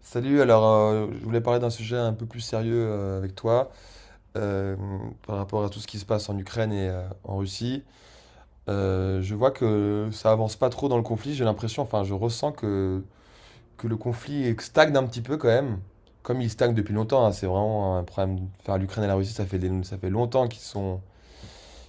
Salut. Je voulais parler d'un sujet un peu plus sérieux avec toi euh, par rapport à tout ce qui se passe en Ukraine et en Russie. Je vois que ça avance pas trop dans le conflit, j'ai l'impression, enfin je ressens que le conflit stagne un petit peu quand même, comme il stagne depuis longtemps, hein, c'est vraiment un problème, enfin l'Ukraine et la Russie ça ça fait longtemps qu'ils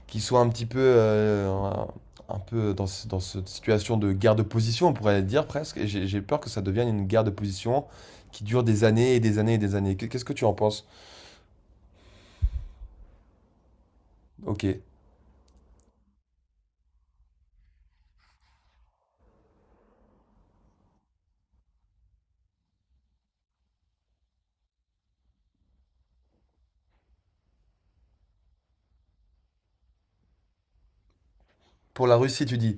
qui soit un petit peu, un peu dans cette situation de guerre de position, on pourrait dire presque. Et j'ai peur que ça devienne une guerre de position qui dure des années et des années et des années. Qu'est- ce que tu en penses? Ok. Pour la Russie, tu dis.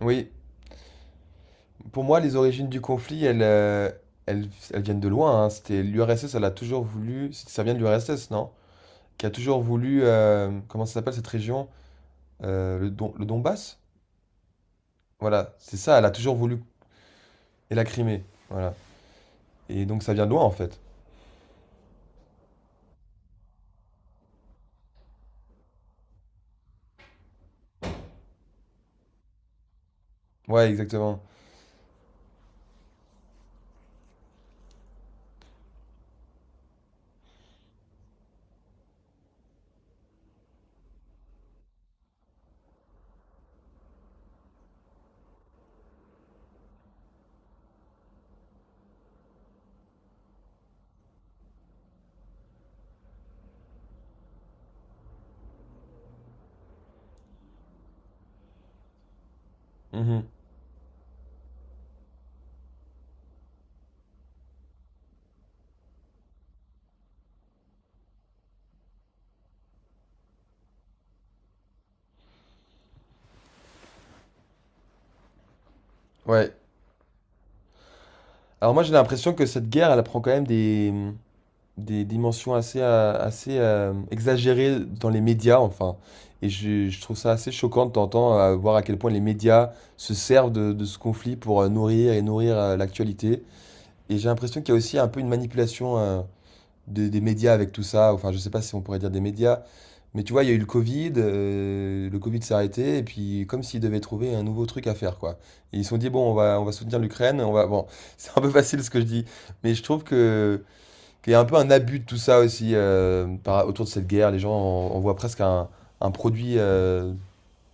Oui. Pour moi, les origines du conflit, elles, elles viennent de loin, hein. C'était l'URSS, elle a toujours voulu. Ça vient de l'URSS, non? Qui a toujours voulu. Comment ça s'appelle cette région? Le Donbass? Voilà, c'est ça, elle a toujours voulu. Et la Crimée. Voilà. Et donc ça vient de loin, en fait. Ouais, exactement. Mhm. Ouais. Alors moi j'ai l'impression que cette guerre, elle prend quand même des dimensions assez exagérées dans les médias, enfin. Et je trouve ça assez choquant de t'entendre voir à quel point les médias se servent de ce conflit pour nourrir et nourrir l'actualité. Et j'ai l'impression qu'il y a aussi un peu une manipulation des médias avec tout ça. Enfin, je sais pas si on pourrait dire des médias, mais tu vois, il y a eu le Covid s'est arrêté, et puis comme s'ils devaient trouver un nouveau truc à faire, quoi. Et ils se sont dit, bon, on va soutenir l'Ukraine, on va... Bon, c'est un peu facile ce que je dis, mais je trouve qu'il y a un peu un abus de tout ça aussi autour de cette guerre. Les gens, on voit presque un produit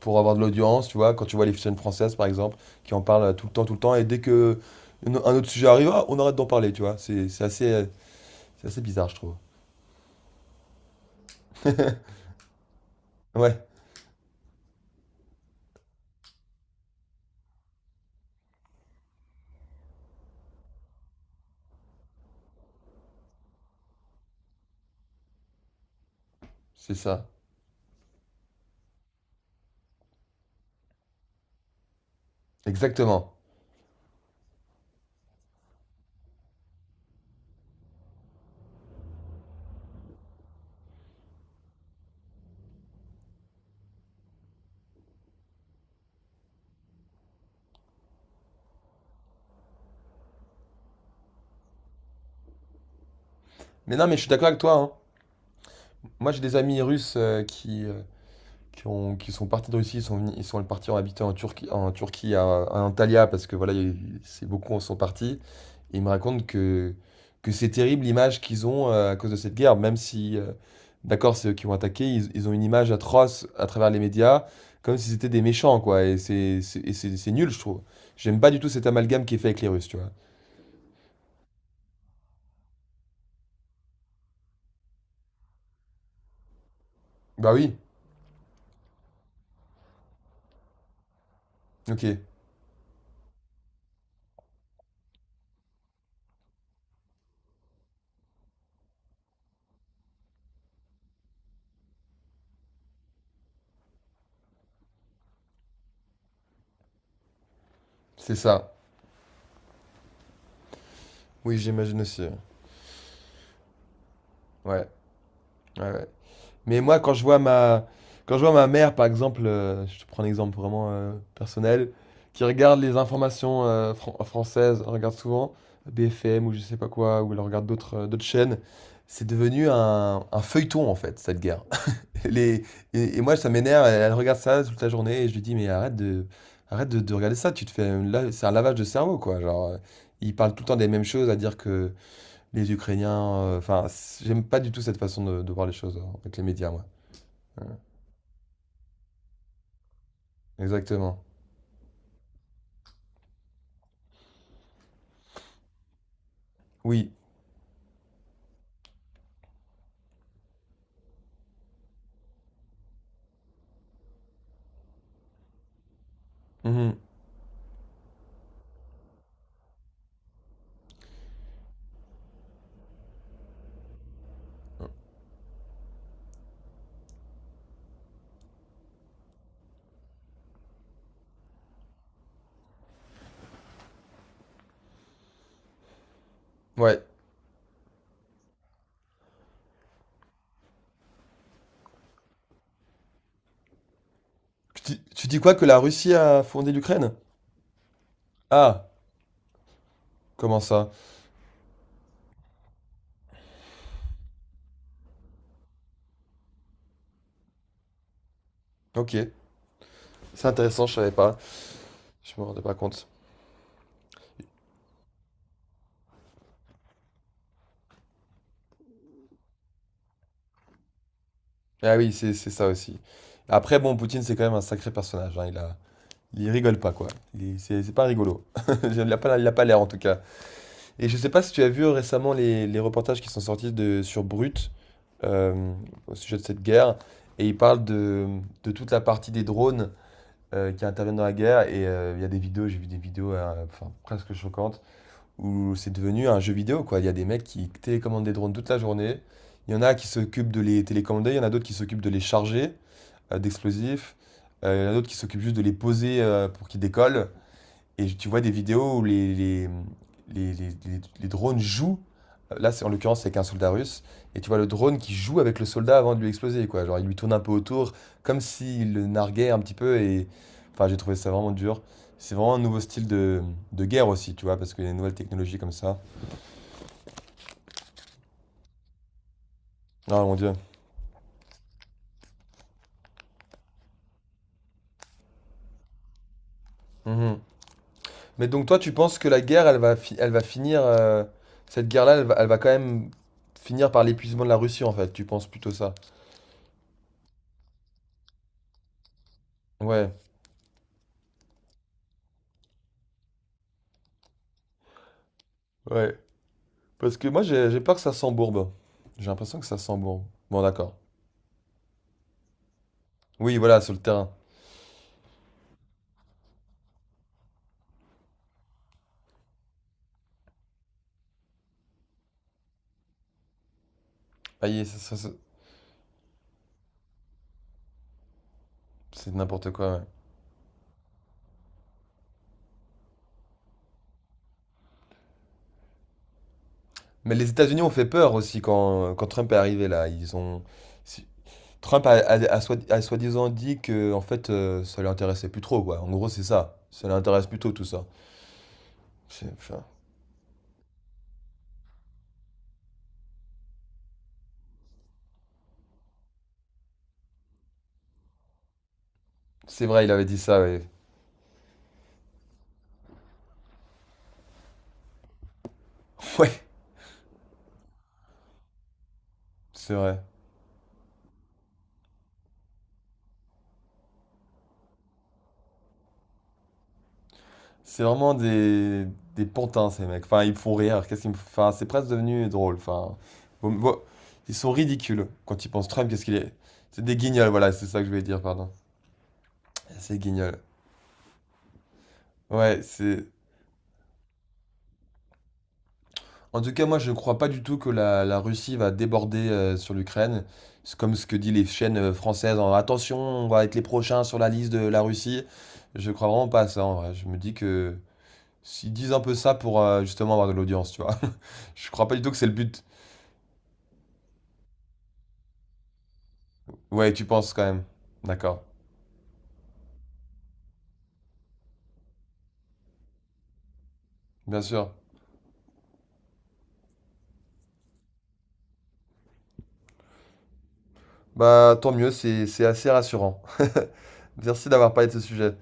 pour avoir de l'audience, tu vois, quand tu vois les chaînes françaises, par exemple, qui en parlent tout le temps, et dès que un autre sujet arrive, ah, on arrête d'en parler, tu vois. C'est assez, c'est assez bizarre, je trouve. Ouais. C'est ça, exactement. Mais non, mais je suis d'accord avec toi, hein. Moi, j'ai des amis russes qui qui sont partis de Russie, ils sont ils sont partis en habitant en Turquie à Antalya, parce que voilà, il y a c'est beaucoup en sont partis. Et ils me racontent que c'est terrible l'image qu'ils ont à cause de cette guerre, même si, d'accord, c'est eux qui ont attaqué, ils ont une image atroce à travers les médias, comme si c'était des méchants, quoi. Et c'est nul, je trouve. J'aime pas du tout cet amalgame qui est fait avec les Russes, tu vois. Bah oui, ok, c'est ça. Oui, j'imagine aussi. Ouais. Ouais, ouais, ouais. Mais moi, quand je vois quand je vois ma mère, par exemple, je te prends un exemple vraiment personnel, qui regarde les informations françaises, elle regarde souvent BFM ou je sais pas quoi, ou elle regarde d'autres d'autres chaînes, c'est devenu un feuilleton en fait, cette guerre. Les, et moi, ça m'énerve, elle regarde ça toute la journée et je lui dis, mais arrête de regarder ça, tu te fais, là, c'est un lavage de cerveau quoi. Ils parlent tout le temps des mêmes choses, à dire que les Ukrainiens, enfin, c j'aime pas du tout cette façon de voir les choses, avec les médias, moi. Exactement. Oui. Mmh. Mmh. Ouais. Tu dis quoi? Que la Russie a fondé l'Ukraine? Ah! Comment ça? OK. C'est intéressant, je savais pas. Je me rendais pas compte. Ah oui, c'est ça aussi. Après bon, Poutine, c'est quand même un sacré personnage, hein. Il a il rigole pas, quoi. Il c'est pas rigolo. Il a pas l'air en tout cas. Et je sais pas si tu as vu récemment les reportages qui sont sortis sur Brut euh, au sujet de cette guerre. Et ils parlent de toute la partie des drones qui interviennent dans la guerre. Et il y a des vidéos, j'ai vu des vidéos enfin, presque choquantes où c'est devenu un jeu vidéo, quoi. Il y a des mecs qui télécommandent des drones toute la journée. Il y en a qui s'occupent de les télécommander, il y en a d'autres qui s'occupent de les charger d'explosifs. Il y en a d'autres qui s'occupent juste de les poser pour qu'ils décollent. Et tu vois des vidéos où les drones jouent. Là, c'est en l'occurrence, c'est avec un soldat russe. Et tu vois le drone qui joue avec le soldat avant de lui exploser, quoi. Genre, il lui tourne un peu autour, comme s'il le narguait un petit peu. Et enfin, j'ai trouvé ça vraiment dur. C'est vraiment un nouveau style de guerre aussi, tu vois, parce qu'il y a des nouvelles technologies comme ça. Ah, mon Dieu. Mhm. Mais donc, toi, tu penses que la guerre, elle va finir. Cette guerre-là, elle va quand même finir par l'épuisement de la Russie, en fait. Tu penses plutôt ça. Ouais, ouais. Parce que moi, j'ai peur que ça s'embourbe. J'ai l'impression que ça s'embourbe. Bon, d'accord. Oui, voilà, sur le terrain. Aïe, ça- ça- C'est n'importe quoi, ouais. Mais les États-Unis ont fait peur aussi quand Trump est arrivé là. Ils ont. si- Trump a soi-disant dit que en fait, ça lui intéressait plus trop, quoi. En gros, c'est ça. Ça l'intéresse plus trop, tout ça. C'est enfin, c'est vrai, il avait dit ça, ouais. Ouais, c'est vrai. C'est vraiment des pantins, ces mecs. Enfin, ils me font rire. Qu'est-ce qu'ils me font- Enfin, c'est presque devenu drôle. Enfin, vous- vous- ils sont ridicules. Quand ils pensent Trump, qu'est-ce qu'il est? C'est des guignols, voilà, c'est ça que je voulais dire, pardon. C'est guignol. Ouais, c'est... En tout cas, moi, je ne crois pas du tout que la Russie va déborder sur l'Ukraine. C'est comme ce que disent les chaînes françaises. Attention, on va être les prochains sur la liste de la Russie. Je crois vraiment pas à ça, en vrai. Je me dis que... S'ils disent un peu ça pour justement avoir de l'audience, tu vois. Je crois pas du tout que c'est le but. Ouais, tu penses quand même. D'accord. Bien sûr. Bah, tant mieux, c'est assez rassurant. Merci d'avoir parlé de ce sujet.